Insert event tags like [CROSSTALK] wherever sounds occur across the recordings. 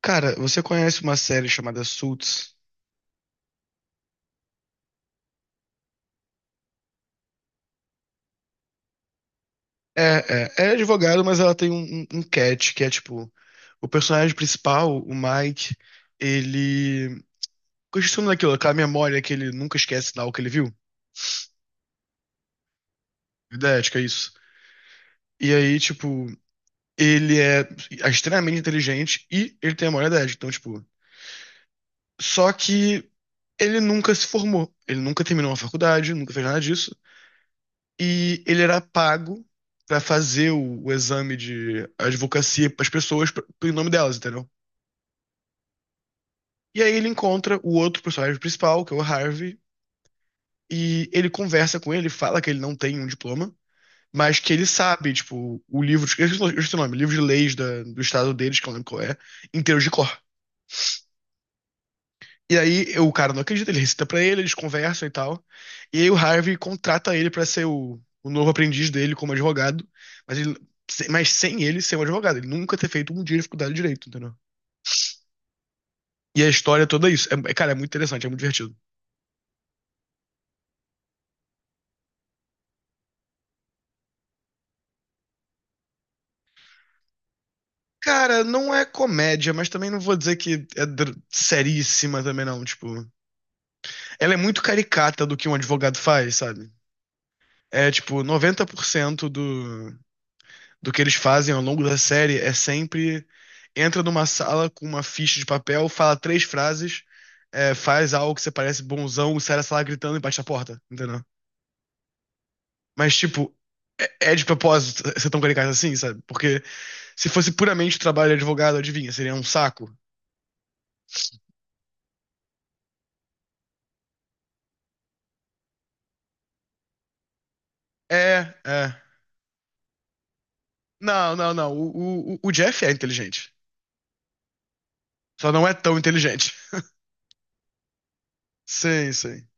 Cara, você conhece uma série chamada Suits? É, é advogado, mas ela tem um catch, que é tipo, o personagem principal, o Mike, ele questiona daquilo, aquela memória que ele nunca esquece lá o que ele viu. Idética, é isso. E aí, tipo, ele é extremamente inteligente e ele tem a memória idética. Então, tipo, só que ele nunca se formou. Ele nunca terminou uma faculdade, nunca fez nada disso. E ele era pago pra fazer o exame de advocacia pras pessoas, em nome delas, entendeu? E aí ele encontra o outro personagem principal, que é o Harvey, e ele conversa com ele, fala que ele não tem um diploma, mas que ele sabe, tipo, o livro, eu esqueci o nome, livro de leis da- do estado deles, que eu não lembro qual é, inteiro de cor. E aí o cara não acredita, ele recita pra ele, eles conversam e tal. E aí o Harvey contrata ele pra ser o novo aprendiz dele como advogado, mas, ele- mas sem ele ser um advogado. Ele nunca ter feito um dia de faculdade de direito, entendeu? E a história toda é isso. É, cara, é muito interessante, é muito divertido. Cara, não é comédia, mas também não vou dizer que é seríssima também não, tipo, ela é muito caricata do que um advogado faz, sabe? É tipo 90% do que eles fazem ao longo da série é sempre entra numa sala com uma ficha de papel, fala três frases, faz algo que você parece bonzão, e sai da sala gritando e bate a porta, entendeu? Mas, tipo, é de propósito [LAUGHS] ser tão caricato assim, sabe? Porque se fosse puramente trabalho de advogado, adivinha, seria um saco. É, é. Não, não, não. O Jeff é inteligente. Só não é tão inteligente. Sim, sim.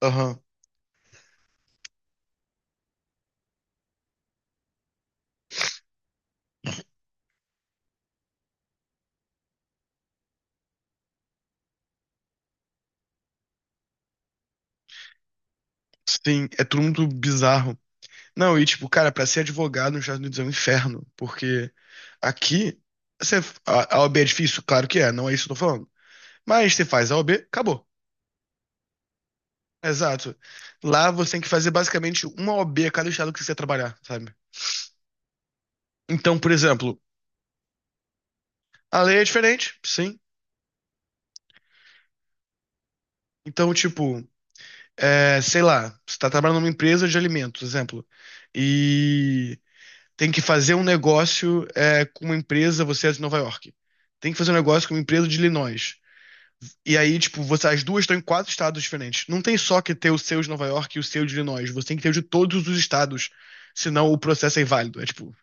Aham. Sim, é tudo muito bizarro. Não, e tipo, cara, pra ser advogado nos Estados Unidos é um inferno, porque aqui você, a OAB é difícil, claro que é, não é isso que eu tô falando. Mas você faz a OAB, acabou. Exato. Lá você tem que fazer basicamente uma OAB a cada estado que você quer trabalhar, sabe? Então, por exemplo, a lei é diferente, sim. Então, tipo, sei lá, você tá trabalhando numa empresa de alimentos, exemplo, e tem que fazer um negócio com uma empresa, você é de Nova York. Tem que fazer um negócio com uma empresa de Illinois. E aí, tipo, você, as duas estão em quatro estados diferentes. Não tem só que ter o seu de Nova York e o seu de Illinois. Você tem que ter o de todos os estados. Senão o processo é inválido. É tipo,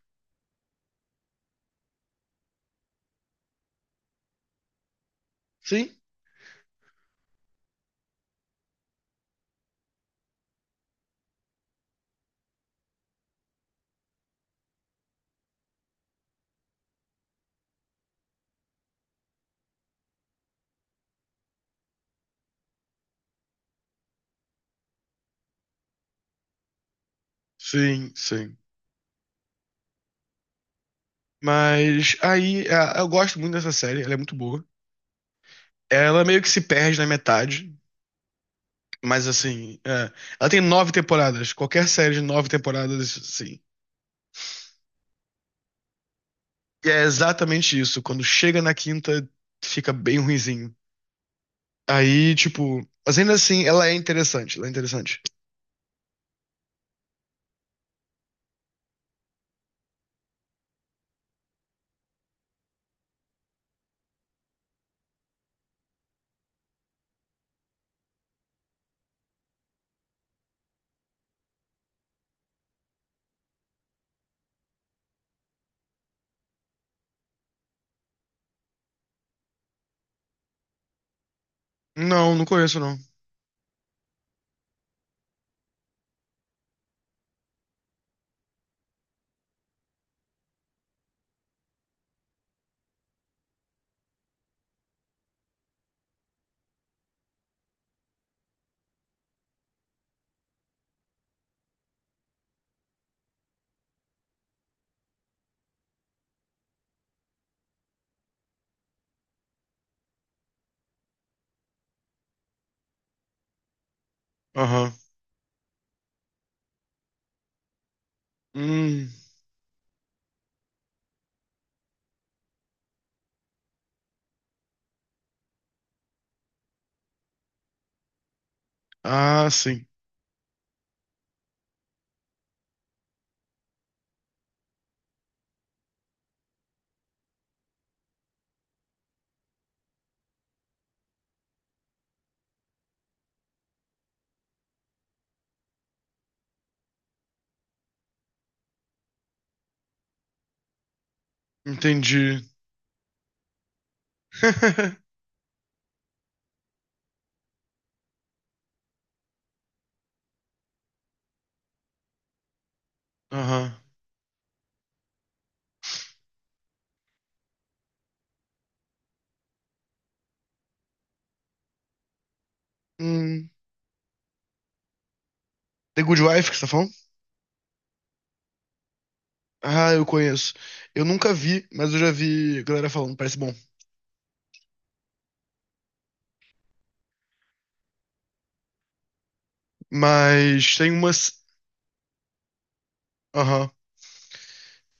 sim, sim, sim. Mas aí, eu gosto muito dessa série. Ela é muito boa. Ela meio que se perde na metade. Mas assim, ela tem nove temporadas. Qualquer série de nove temporadas, sim. E é exatamente isso. Quando chega na quinta, fica bem ruinzinho. Aí, tipo, mas ainda assim, ela é interessante. Ela é interessante. Não, não conheço, não. Aham. Hum. Ah, sim. Entendi. [LAUGHS] Aham. Hum. The Good Wife que você tá falando? Ah, eu conheço. Eu nunca vi, mas eu já vi galera falando, parece bom. Mas tem umas, s- Aham.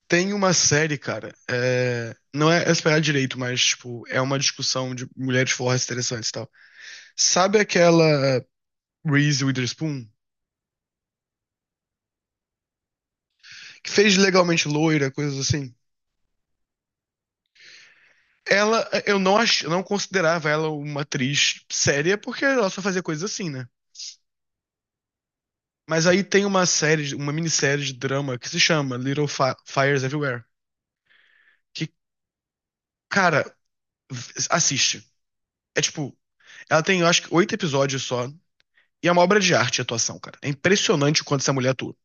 Tem uma série, cara. Não é esperar direito, mas, tipo, é uma discussão de mulheres fortes interessantes e tal. Sabe aquela Reese Witherspoon? Que fez legalmente loira, coisas assim? Ela, eu não considerava ela uma atriz séria, porque ela só fazia coisas assim, né? Mas aí tem uma série, uma minissérie de drama que se chama Little Fires Everywhere. Que, cara, assiste. É tipo, ela tem, eu acho que, oito episódios só. E é uma obra de arte e atuação, cara. É impressionante o quanto essa mulher atua.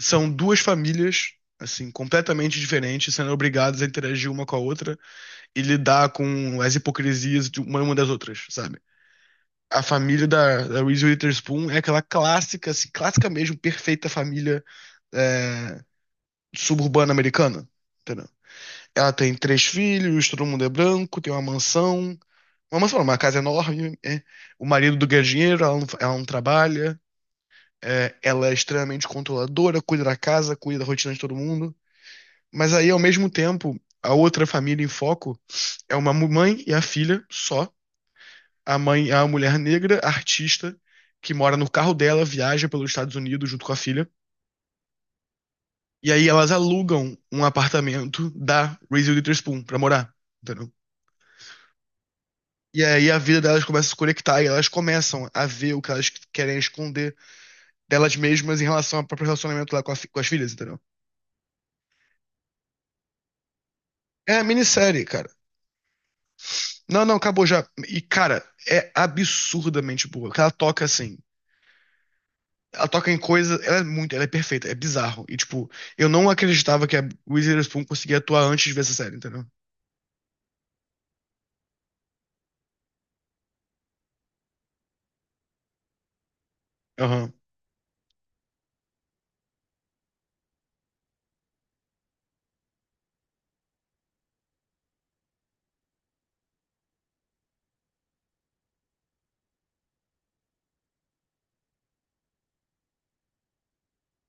São duas famílias, assim, completamente diferentes, sendo obrigadas a interagir uma com a outra e lidar com as hipocrisias de uma das outras, sabe? A família da, da Reese Witherspoon é aquela clássica, assim, clássica mesmo, perfeita família é, suburbana americana. Entendeu? Ela tem três filhos, todo mundo é branco, tem uma mansão. Uma mansão, não, uma casa enorme. O marido do ganha dinheiro, ela não trabalha. Ela é extremamente controladora, cuida da casa, cuida da rotina de todo mundo. Mas aí, ao mesmo tempo, a outra família em foco é uma mãe e a filha só. A mãe é uma mulher negra, artista, que mora no carro dela, viaja pelos Estados Unidos junto com a filha. E aí elas alugam um apartamento da Reese Witherspoon pra morar, entendeu? E aí a vida delas começa a se conectar e elas começam a ver o que elas querem esconder delas mesmas em relação ao próprio relacionamento lá com, com as filhas, entendeu? É a minissérie, cara. Não, não, acabou já. E, cara, é absurdamente boa. Ela toca, assim, ela toca em coisas. Ela é muito. Ela é perfeita. É bizarro. E, tipo, eu não acreditava que a Reese Witherspoon conseguia atuar antes de ver essa série, entendeu? Aham.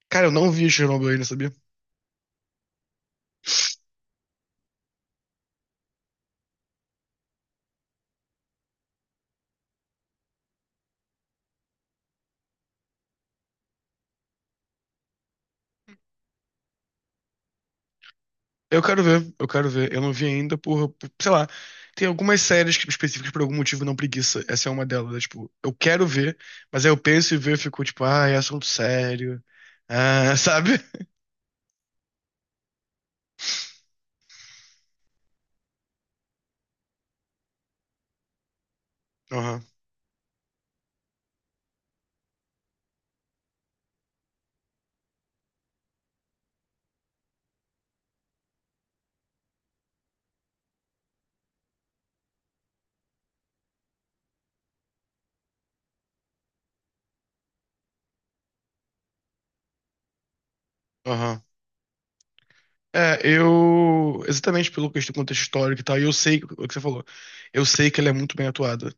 Cara, eu não vi Chernobyl ainda, sabia? Eu quero ver. Eu quero ver. Eu não vi ainda sei lá. Tem algumas séries que- específicas que por algum motivo não preguiça. Essa é uma delas. Né? Tipo, eu quero ver, mas aí eu penso e ver, e fico tipo, ah, é assunto sério. Ah, [LAUGHS] sabe? Aham, aham. É, eu. Exatamente do contexto histórico e tal, e eu sei o que você falou. Eu sei que ela é muito bem atuada,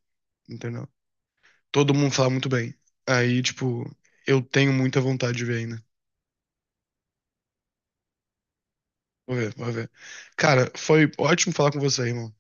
entendeu? Todo mundo fala muito bem. Aí, tipo, eu tenho muita vontade de ver ainda. Vou ver, vou ver. Cara, foi ótimo falar com você, irmão.